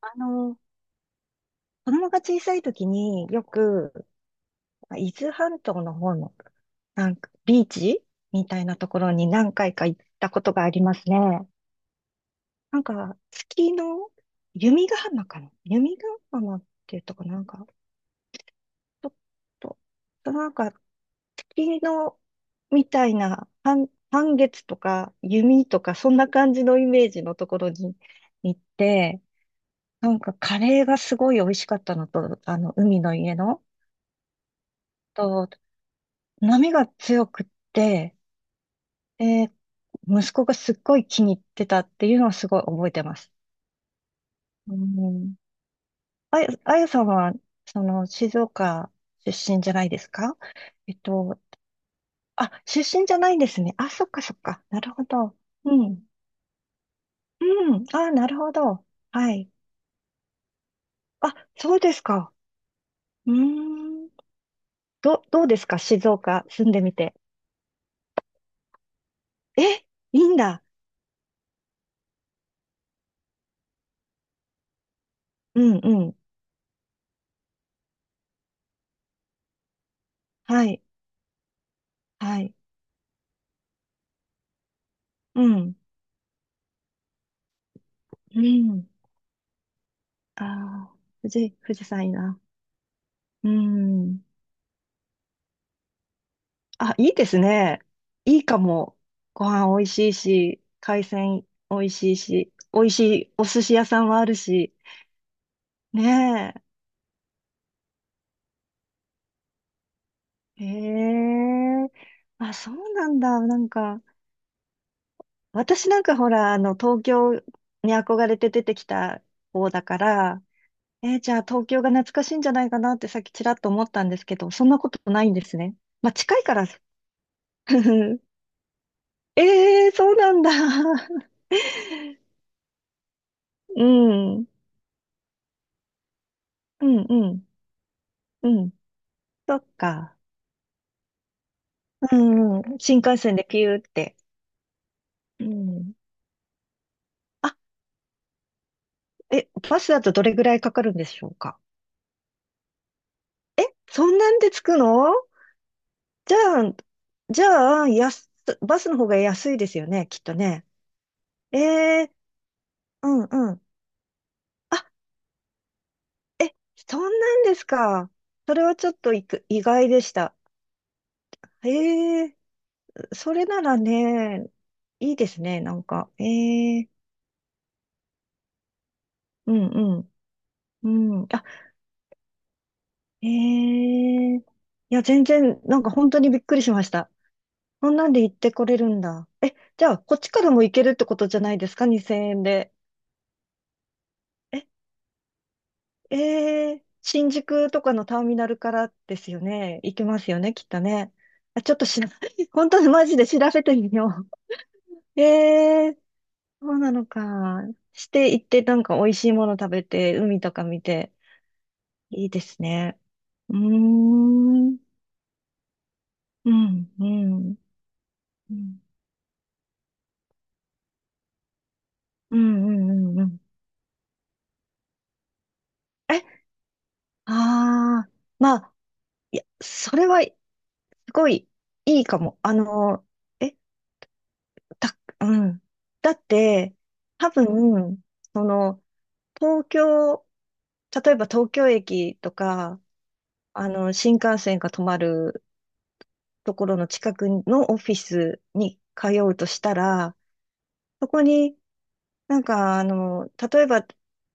あの、子供が小さい時によく、伊豆半島の方の、なんか、ビーチみたいなところに何回か行ったことがありますね。なんか、月の、弓ヶ浜かな、弓ヶ浜っていうとこなんか、ちょっと、なんか、月の、みたいな、半月とか、弓とか、そんな感じのイメージのところに行って、なんか、カレーがすごい美味しかったのと、あの、海の家の、と、波が強くって、で、息子がすっごい気に入ってたっていうのはすごい覚えてます。うん。あやさんは、その、静岡出身じゃないですか？えっと、あ、出身じゃないんですね。あ、そっかそっか。なるほど。うん。うん。あ、なるほど。はい。あ、そうですか。うーん。どうですか、静岡住んでみて？え、いいんだ。うんうん。はい。はい。うん。うん。ああ、富士山いいな。うん。あ、いいですね。いいかも。ご飯美味しいし、海鮮美味しいし、美味しいお寿司屋さんもあるし。ねえ。へえ。あ、そうなんだ。なんか、私なんかほら、あの、東京に憧れて出てきた方だから、じゃあ東京が懐かしいんじゃないかなってさっきちらっと思ったんですけど、そんなことないんですね。まあ、近いから。ええー、そうなんだ。うん、うん、うん、うん。そっか。うん、うん。新幹線でピューって。うん。あ、バスだとどれぐらいかかるんでしょうか？そんなんで着くの？じゃあ、じゃあ、やすバスの方が安いですよね、きっとね。ええうんうん。あ、そんなんですか。それはちょっと意外でした。ええそれならね、いいですね、なんか。ええうんうん。うん。あ、ええいや、全然、なんか本当にびっくりしました。こんなんで行ってこれるんだ。え、じゃあ、こっちからも行けるってことじゃないですか？ 2000 円で。え、ええ新宿とかのターミナルからですよね。行けますよね、きっとね。あ、ちょっとしら、本当にマジで調べてみよう。ええそうなのか。して行って、なんか美味しいもの食べて、海とか見て、いいですね。うーん、うん、うん。うんうんうんうんうん。え、ああ、まあ、いや、それは、すごい、いいかも。あの、え、うん。だって、多分、その、東京、例えば東京駅とか、あの、新幹線が止まるところの近くのオフィスに通うとしたら、そこになんか、あの、例えば、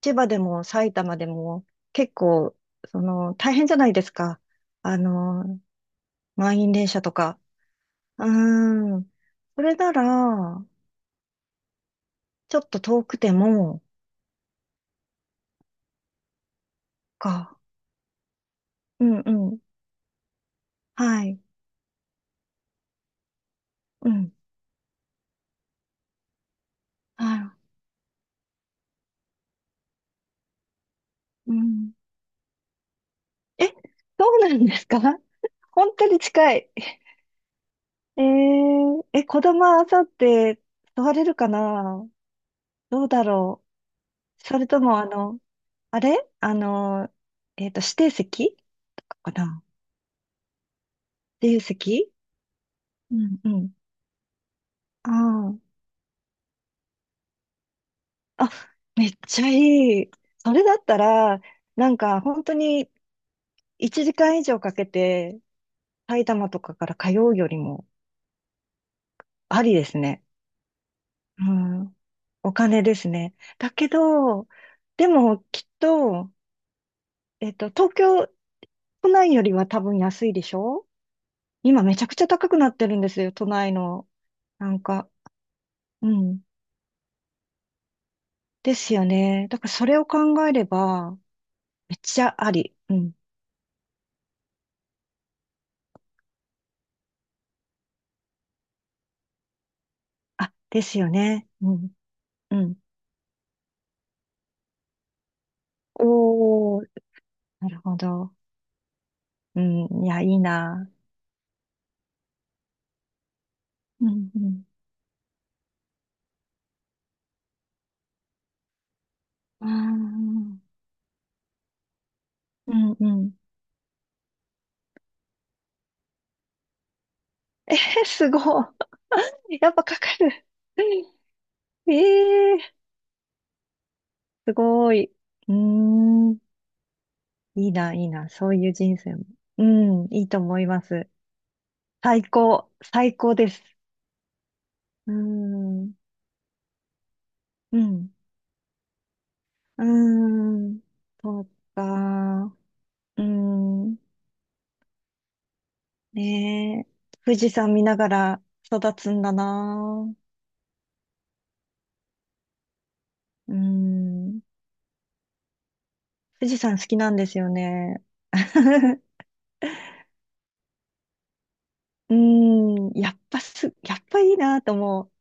千葉でも埼玉でも、結構、その、大変じゃないですか。あの、満員電車とか。うーん。それなら、ちょっと遠くても、か。うんうん。はい。うん。はい。うん。え、そうなんですか？ 本当に近い。子供は朝って座れるかな？どうだろう？それとも、あの、あれあの、えっと、指定席とかかな？指定席、うんうん。ああ。あ、めっちゃいい。それだったら、なんか本当に1時間以上かけて埼玉とかから通うよりもありですね。うん、お金ですね。だけど、でもきっと、東京都内よりは多分安いでしょ？今めちゃくちゃ高くなってるんですよ、都内の。なんか、うん。ですよね。だからそれを考えれば、めっちゃあり。うん。あ、ですよね。うん。うん。おー、なるほど。うん、いや、いいな。うんうん。あー、うんうん。すごい。やっぱかかる。ええー、すごい。うーん、いいな、いいな。そういう人生も。うん、いいと思います。最高、最高です。うーん、うん、うーん、そうか。うーん、ねえ、富士山見ながら育つんだな。うーん。富士山好きなんですよね。うーん、やっぱいいなと思う。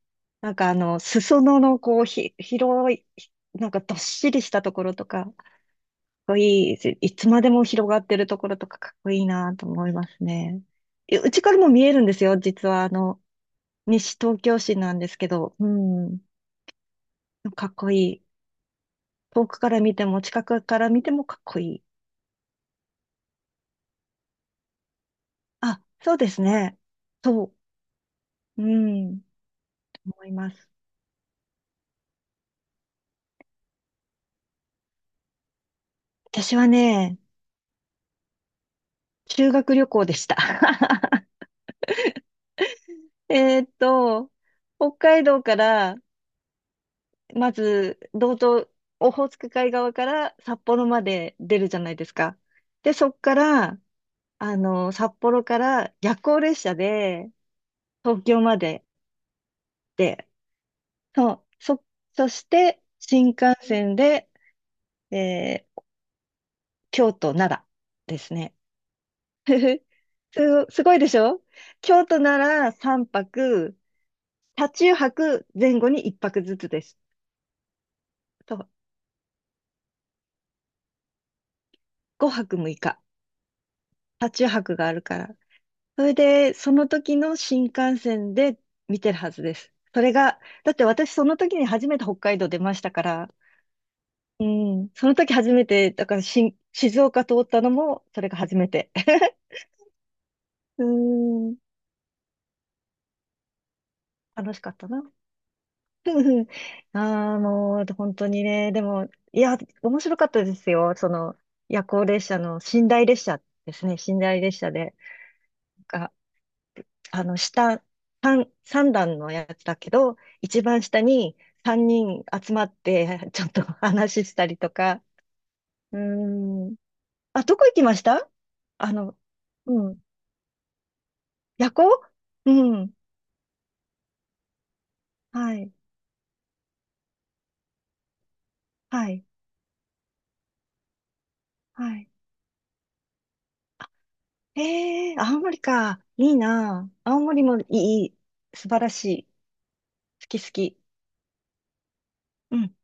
なんかあの、裾野のこう、広い、なんかどっしりしたところとか、かっこいいし、いつまでも広がってるところとかかっこいいなと思いますね。うちからも見えるんですよ、実はあの、西東京市なんですけど、うん、かっこいい。遠くから見ても近くから見てもかっこいい。あ、そうですね。そう、うん、思います。私はね、修学旅行でした。えーっと、北海道から、まず、道東、オホーツク海側から札幌まで出るじゃないですか。で、そっから、あの、札幌から夜行列車で東京まで。で、そう、そして新幹線で、えー京都、奈良ですね。す、すごいでしょ？京都、奈良3泊、車中泊前後に1泊ずつです。と、5泊6日。車中泊があるから。それで、その時の新幹線で見てるはずです。それが、だって私その時に初めて北海道出ましたから、うん、その時初めて、だから新静岡通ったのも、それが初めて。うーん、楽しかったな。ああ、もう、本当にね、でも、いや、面白かったですよ。その、夜行列車の寝台列車ですね。寝台列車で。あの、三段のやつだけど、一番下に三人集まって、ちょっと話したりとか。うーん。あ、どこ行きました？あの、うん。夜行。うん。はい。はい。はい。あ、ええー、青森か。いいな。青森もいい。いい、素晴らしい。好き好き。うん。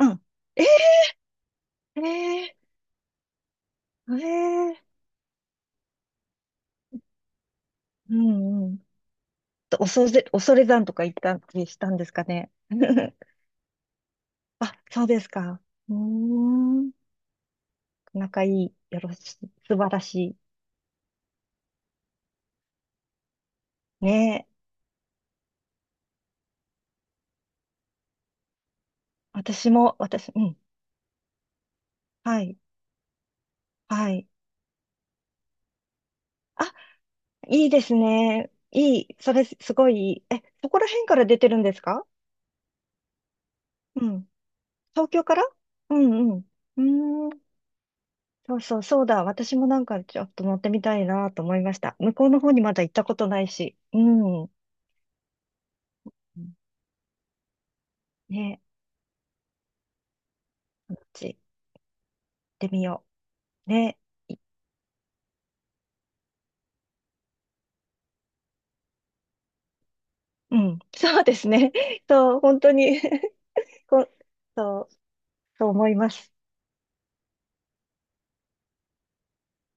うん。ええーええーうんうん。と、恐山とか行ったりしたんですかね？あ、そうですか。うーん。仲いい。よろしい。素晴らしい。ねえ。私も、うん。はい。はい。あ、いいですね。いい。それ、すごいいい。え、そこら辺から出てるんですか？うん。東京から。うんうん。うーん。そうそう、そうだ。私もなんかちょっと乗ってみたいなと思いました。向こうの方にまだ行ったことないし。うん。ね、こっち行ってみよう。ねいうん。そうですね。そう、本当に こ、そう、そう思います。